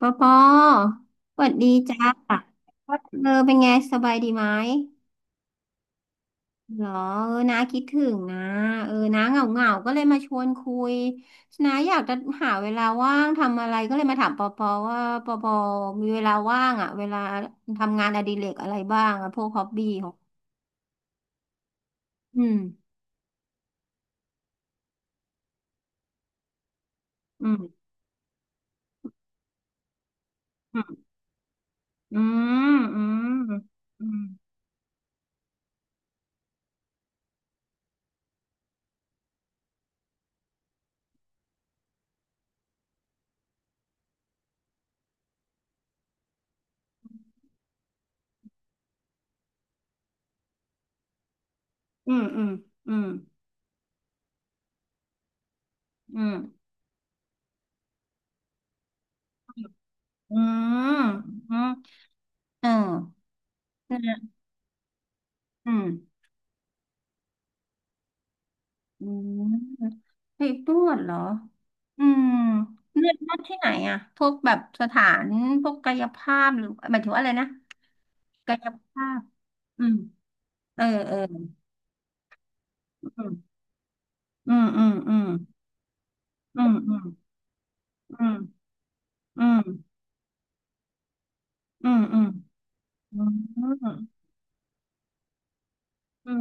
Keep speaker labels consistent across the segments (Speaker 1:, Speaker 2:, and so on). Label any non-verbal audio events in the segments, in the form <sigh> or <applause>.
Speaker 1: ปอปอสวัสดีจ้าเออเป็นไงสบายดีไหมเหรอเออน้าคิดถึงนะเออน้าเหงาเหงาก็เลยมาชวนคุยน้าอยากจะหาเวลาว่างทำอะไรก็เลยมาถามปอปอว่าปอปอมีเวลาว่างอ่ะเวลาทำงานอดิเรกอะไรบ้างอ่ะพวกฮอบบี้ของอืมอืมอืมอืมอืมอืมอืมอืมอืมอืมอืมอืมอืมอืมอืม อืมไปนวดเหรออืมนวดที่ไหนอ่ะพวกแบบสถานพวกกายภาพหรือหมายถึงว่าอะไรนะกายภาพอืมเออเอออืมอืมอืมอืมอืมอืมอืมอืมอืมอืมอืม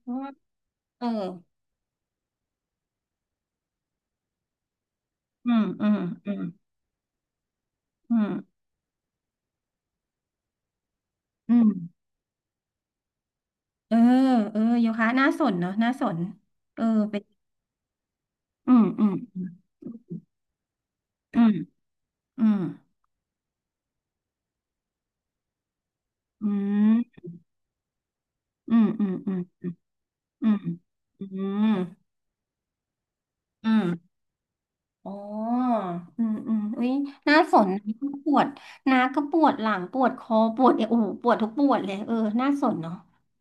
Speaker 1: เพราะว่าเอออืมอืมอืมอืมอืมเออเออโยคะน่าสนเนาะน่าสนเออเป็นอืมอืมอืมอืมอืม อืมอืมอืมอืมอืมอืมอ๋ออืมอืมอุ้ยน่าสนนะปวดนะก็ปวดหลังปวดคอปวดเอวโอ้โหปวดทุกปวดเลยเออน่าสนเนาะ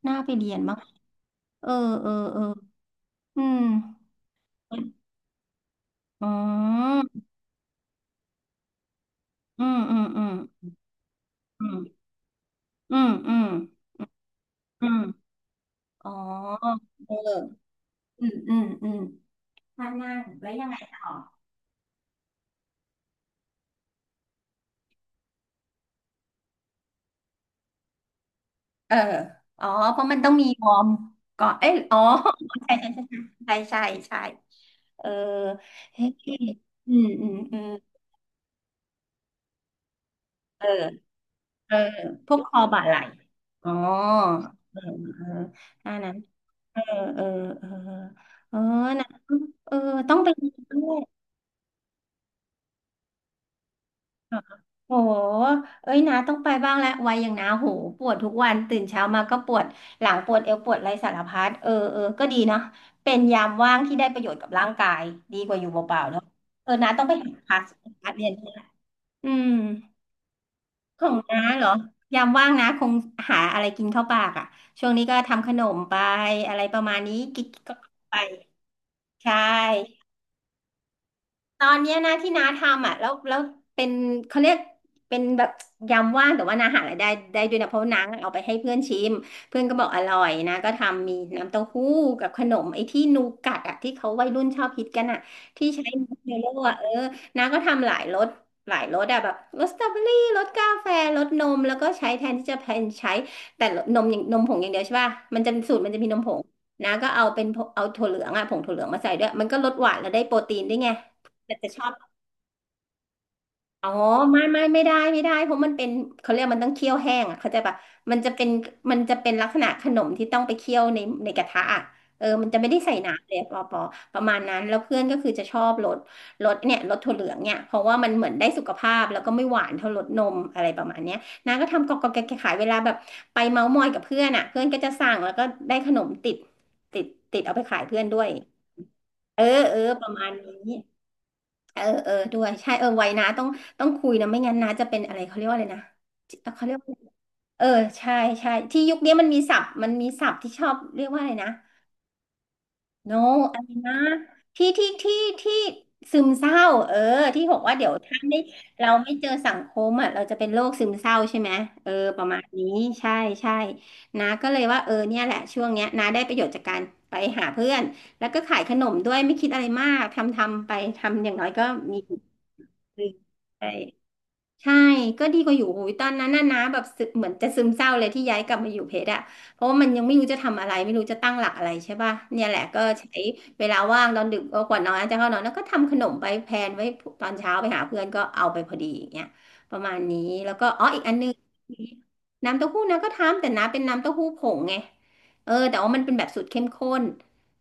Speaker 1: น่าไปเรียนมากเออเออเอออืมอ๋ออืมอืมอืมอืมอืมอืมอืมอ๋อเอออืมอืมอืมถ้านั่งแล้วยังไงต่อ เอออ๋อ เพราะมันต้องมีวอร์มก่อนเอ้ยอ๋อใช่ใช่ใช่ใช่ใช่ใช่เออ เฮ้ยอืมอืมอืมเออเออ พวกคอบ่าไหล่อ๋อเออเอออันนั้นเออเออเออเออนะเออต้องไปดูด้วย โหเอ้ยนาต้องไปบ้างแล้ววัยอย่างนาโหปวดทุกวันตื่นเช้ามาก็ปวดหลังปวดเอวปวดอะไรสารพัดเออเออก็ดีนะเป็นยามว่างที่ได้ประโยชน์กับร่างกายดีกว่าอยู่เปล่าๆเนาะเออนาต้องไปหาคลาสคลาสเรียนอืมของน้าเหรอยามว่างนะคงหาอะไรกินเข้าปากอ่ะช่วงนี้ก็ทำขนมไปอะไรประมาณนี้กิ๊กๆก็ไปใช่ ตอนเนี้ยนะที่น้าทำอ่ะแล้วเป็นเขาเรียกเป็นแบบยำว่างแต่ว่าน้าหารายได้ได้ด้วยนะเพราะว่าน้าเอาไปให้เพื่อนชิมเพื่อนก็บอกอร่อยนะก็ทำมีน้ำเต้าหู้กับขนมไอ้ที่นูกัดอ่ะที่เขาวัยรุ่นชอบฮิตกันอ่ะที่ใช้มัชเมลโล่อ่ะเออน้าก็ทำหลายรสหลายรสอ่ะแบบรสสตรอเบอรี่รสกาแฟรสนมแล้วก็ใช้แทนที่จะเป็นใช้แต่นมอย่างนมผงอย่างเดียวใช่ป่ะมันจะสูตรมันจะมีนมผงนะก็เอาเป็นเอาถั่วเหลืองอะผงถั่วเหลืองมาใส่ด้วยมันก็ลดหวานแล้วได้โปรตีนด้วยไง แต่จะชอบอ๋อไม่ได้เพราะมันเป็นเขาเรียกมันต้องเคี่ยวแห้งอ่ะเข้าใจปะมันจะเป็นมันจะเป็นลักษณะขนมที่ต้องไปเคี่ยวในในกระทะอ่ะเออมันจะไม่ได้ใส่น้ำเลยปอปอประมาณนั้นแล้วเพื่อนก็คือจะชอบรสรสเนี่ยรสถั่วเหลืองเนี่ยเพราะว่ามันเหมือนได้สุขภาพแล้วก็ไม่หวานเท่ารสนมอะไรประมาณเนี้ยนางก็ทำกอกกอกแกะขายเวลาแบบไปเมาท์มอยกับเพื่อนอ่ะเพื่อนก็จะสั่งแล้วก็ได้ขนมติดติดติดเอาไปขายเพื่อนด้วยเออเออประมาณนี้ เออเออด้วยใช่เออไว้นะต้องต้องคุยนะไม่งั้นนะจะเป็นอะไรเขาเรียกว่าอะไรนะเขาเรียกว่าอะไรเออใช่ใช่ที่ยุคนี้มันมีศัพท์มันมีศัพท์ที่ชอบเรียกว่าอะไรนะโนอะไรนะที่ที่ที่ที่ซึมเศร้าเออที่บอกว่าเดี๋ยวถ้าไม่เราไม่เจอสังคมอ่ะเราจะเป็นโรคซึมเศร้าใช่ไหมเออประมาณนี้ใช่ใช่นะก็เลยว่าเออเนี่ยแหละช่วงเนี้ยนาได้ประโยชน์จากการไปหาเพื่อนแล้วก็ขายขนมด้วยไม่คิดอะไรมากทำทำไปทำอย่างน้อยก็มี ใช่ใช่ก็ดีกว่าอยู่โอ้ยตอนนั้นน่ะนะแบบซึเหมือนจะซึมเศร้าเลยที่ย้ายกลับมาอยู่เพชรอะเพราะว่ามันยังไม่รู้จะทำอะไรไม่รู้จะตั้งหลักอะไรใช่ป่ะเนี่ยแหละก็ใช้เวลาว่างตอนดึกก็ก่อนนอนจะเข้านอนแล้วก็ทำขนมไปแพลนไว้ตอนเช้าไปหาเพื่อนก็เอาไปพอดีอย่างเงี้ยประมาณนี้แล้วก็อ๋ออีกอันนึงน้ำเต้าหู้นะก็ทำแต่น้ำเป็นน้ำเต้าหู้ผงไงเออแต่ว่ามันเป็นแบบสูตรเข้มข้น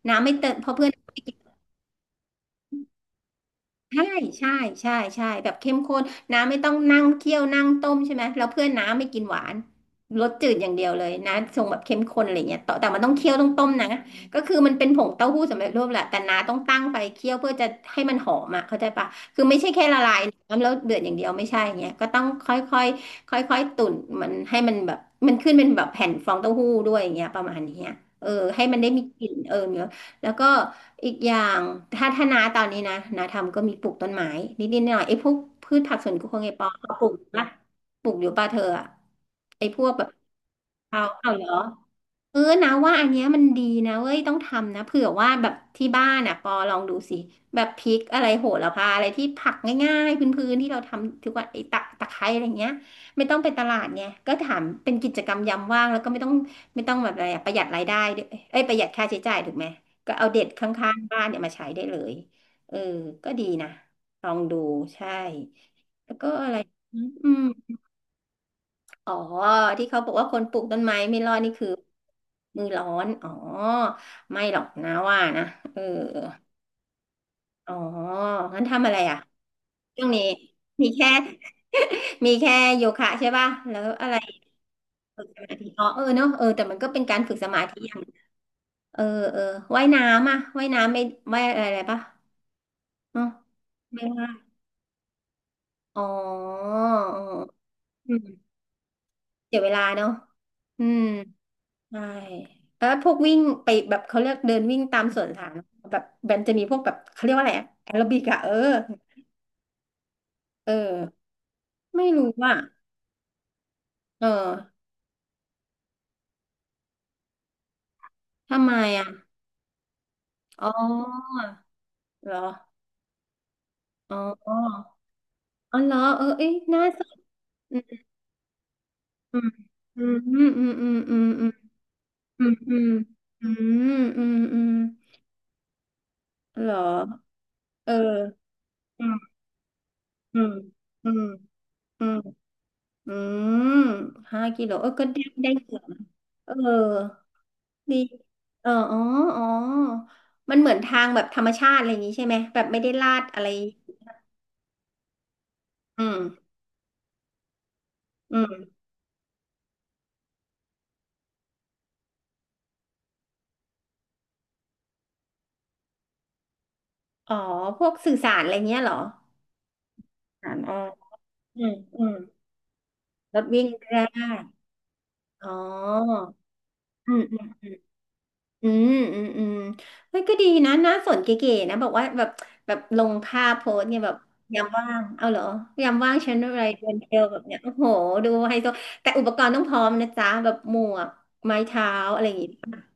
Speaker 1: น้ำไม่เติมเพราะเพื่อน ใช่ใช่ ใช่ ใช่ แบบเข้มข้นน้าไม่ต้องนั่งเคี่ยว นั่งต้มใช่ไหม แล้วเพื่อนน้าไม่กินหวานรสจืดอย่างเดียวเลยน้าทรงแบบเข้มข้นอะไรเงี้ยต่อแต่มันต้องเคี่ยวต้องต้มนะก็คือมันเป็นผงเต้าหู้สำเร็จรูปแหละแต่น้าต้องตั้งไฟเคี่ยวเพื่อจะให้มันหอมอ่ะเข้าใจปะคือไม่ใช่แค่ละลายน้ำแล้วเดือดอย่างเดียวไม่ใช่อย่างเงี้ยก็ต้องค่อยค่อยๆตุ๋นมันให้มันแบบมันขึ้นเป็นแบบแผ่นฟองเต้าหู้ด้วยอย่างเงี้ยประมาณเนี้ยเออให้มันได้มีกลิ่นเออเนื้อแล้วก็ อีกอย่างถ้านาตอนนี้นะนาทำก็มีปลูกต้นไม้นิดๆหน่อยๆไอ้พวกพืชผักสวนครัวไงปอเขาปลูกปะปลูกอยู่ปะเธออะไอ้พวกแบบเอาเหรอ เออนะว่าอันเนี้ยมันดีนะเว้ยต้องทำนะเผื่อว่าแบบที่บ้านอ่ะปอลองดูสิแบบพริกอะไรโหระพาอะไรที่ผักง่ายๆพื้นๆที่เราทำทุกวันไอ้ตะไคร้อะไรเงี้ยไม่ต้องไปตลาดไงก็ถามเป็นกิจกรรมยามว่างแล้วก็ไม่ต้องไม่ต้องแบบอะไรอะประหยัดรายได้ด้วยเอ้ยประหยัดค่าใช้จ่ายถูกไหมก็เอาเด็ดข้างๆบ้านเนี่ยมาใช้ได้เลยเออก็ดีนะลองดูใช่แล้วก็อะไรอืม อ๋อที่เขาบอกว่าคนปลูกต้นไม้ไม่รอดนี่คือมือร้อนอ๋อไม่หรอกนะว่านะเอออ๋องั้นทำอะไรอ่ะช่วงนี้มีแค่ <laughs> มีแค่โยคะใช่ป่ะแล้วอะไรฝึกสมาธิอ๋อเออเนอะเออแต่มันก็เป็นการฝึกสมาธิอย่างเออเออว่ายน้ำอ่ะว่ายน้ำไม่ว่ายอะไรป่ะอ๋อไม่ว่ายอ๋อเอออืมเสียเวลาเนอะอืม ใช่แล้วพวกวิ่งไปแบบเขาเรียกเดินวิ่งตามสวนสาธารณะแบบแบนจะมีพวกแบบเขาเรียกว่าอะไรอะแอโรบิกอะเออเออไม่รู้อ่ะเออทำไมอะอ๋อเหรออ๋ออ๋อเหรอเออเอ้ยน่าสนอืมอืมอืมอืมอืมอืมอืมอืมอืมอืมอืมอืมเหรอเอออืมอืมอืมอืมอืม5 กิโลเออก็ได้ได้เกือบเออ ดีเอออ๋ออ๋อ มันเหมือนทางแบบธรรมชาติอะไรอย่างนี้ใช่ไหม แบบไม่ได้ลาดอะไรอืมอืมอ๋อ พวกสื่อสารอะไรเงี้ยเหรอสารอ๋ออืมอืมรถวิ่งได้อ๋ออืมอืม อืมอืมอืมเฮ้ยก็ดีนะน่าสนเก๋ๆนะบอกว่าแบบแบบลงภาพโพสต์เนี่ยแบบยามว่างเอาเหรอยามว่างฉันอะไรเดินเทรลแบบเนี้ยโอ้โหดูไฮโซแต่อุปกรณ์ต้องพร้อมนะจ๊ะแบบหมวกไม้เท้าอะไรอย่างงี้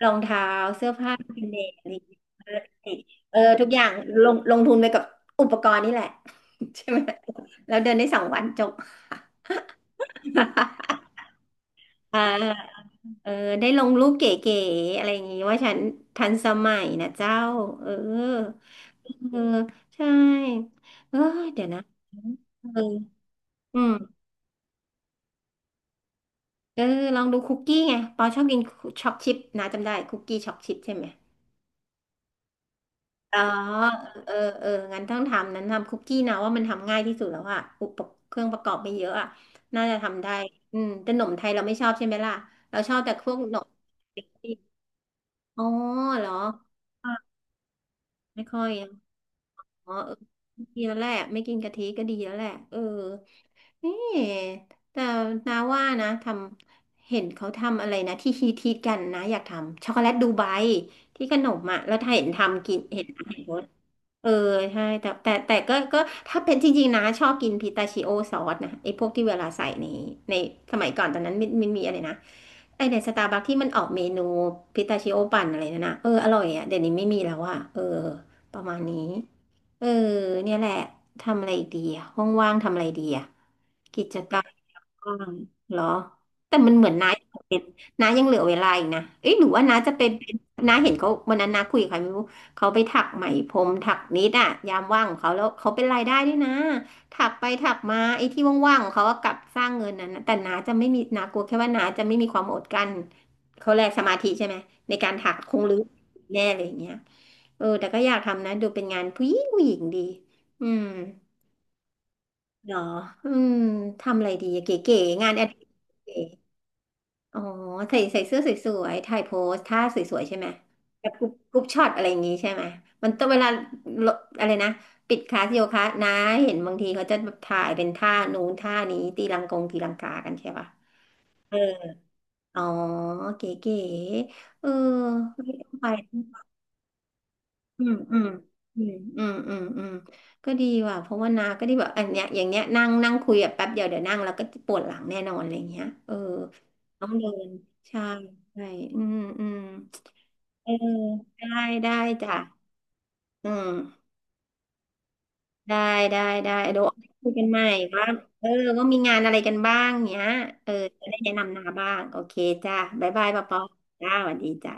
Speaker 1: รองเท้าเสื้อผ้ากันแดดอะไรอย่างงี้เออทุกอย่างลงลงทุนไปกับอุปกรณ์นี่แหละ <laughs> ใช่ไหมแล้วเดินได้สองวันจบ <laughs> อ่า เออได้ลงรูปเก๋ๆอะไรอย่างงี้ว่าฉันทันสมัยนะเจ้าเออเออใช่เออเดี๋ยวนะเอออืมเออลองดูคุกกี้ไงปอชอบกินช็อกชิพนะจำได้คุกกี้ช็อกชิพใช่ไหมอ๋อเออเอองั้นต้องทำนั้นทำคุกกี้นะว่ามันทำง่ายที่สุดแล้วอะอุปกรณ์เครื่องประกอบไม่เยอะอะน่าจะทำได้อืมแต่หนมไทยเราไม่ชอบใช่ไหมล่ะเราชอบแต่พวกหนมอ๋อเหรอ ไม่ค่อยนะอ๋อเออดีแล้วแหละไม่กินกะทิก็ดีแล้วแหละ เออนี่แต่นาว่านะ ทำ เห็นเขาทำอะไรนะ ที่ฮิตกันนะ อยากทำ ช็อกโกแลตดูไบที่ขนมอ่ะแล้วถ้าเห็นทำกินเห็น เออใช่แต่ก็ถ้าเป็นจริงๆนะชอบกินพิตาชิโอซอสนะไอ้พวกที่เวลาใส่ในสมัยก่อนตอนนั้นมันมีอะไรนะไอ้ในสตาร์บัคที่มันออกเมนูพิตาชิโอปั่นอะไรนั่นนะเอออร่อยอ่ะเดี๋ยวนี้ไม่มีแล้วอ่ะเออประมาณนี้เออเนี่ยแหละทำอะไรอีกดีอะห้องว่างๆทำอะไรดีอะกิจกร อ่าเหรอแต่มันเหมือนน้ายังเป็นน้ายังเหลือเวลาอีกนะเอ้ยหรือว่าน้าจะเป็นน้าเห็นเขาวันนั้นน้าคุยกับใครไม่รู้เขาไปถักไหมพรมถักนิดอะยามว่างของเขาแล้วเขาเป็นรายได้ด้วยนะถักไปถักมาไอ้ที่ว่างๆของเขาก็กลับสร้างเงินนั้นนะแต่น้าจะไม่มีน้ากลัวแค่ว่าน้าจะไม่มีความอดกลั้นเขาแลกสมาธิใช่ไหมในการถักคงรู้อแน่เลยอย่างเงี้ยเออแต่ก็อยากทำนะดูเป็นงานผู้หญิงผู้หญิงดีอืม เหรออืมทำอะไรดีเก๋ๆงานอดิเรกอ๋อใส่เสื้อสวยๆถ่ายโพสท่าสวยๆใช่ไหมแบบกรุ๊ปช็อตอะไรอย่างงี้ใช่ไหม มันต้องเวลาลดอะไรนะ ปิดคลาสโยคะนะเห็นบางทีเขาจะแบบถ่ายเป็นท่านู้นท่านี้ตีลังกงตีลังกากันใช่ปะเอออ๋อ เก๋ๆเออไม่ต้องไป อืมอืมอืมอืมอืมอืมก็ดีว่ะเพราะว่านาก็ได้แบบอันเนี้ยอย่างเนี้ยนั่งนั่งคุยแบบแป๊บเดียวเดี๋ยวนั่งแล้วก็ปวดหลังแน่นอนอะไรเงี้ยเออต้องเดินใช่ใช่อืมอืมเออได้ได้จ้ะอืมได้ได้ได้เดี๋ยวคุยกันใหม่ว่าเออว่ามีงานอะไรกันบ้างเนี้ยเออจะได้แนะนำนาบ้างโอเคจ้ะบ๊ายบายปอปอจ้าสวัสดีจ้ะ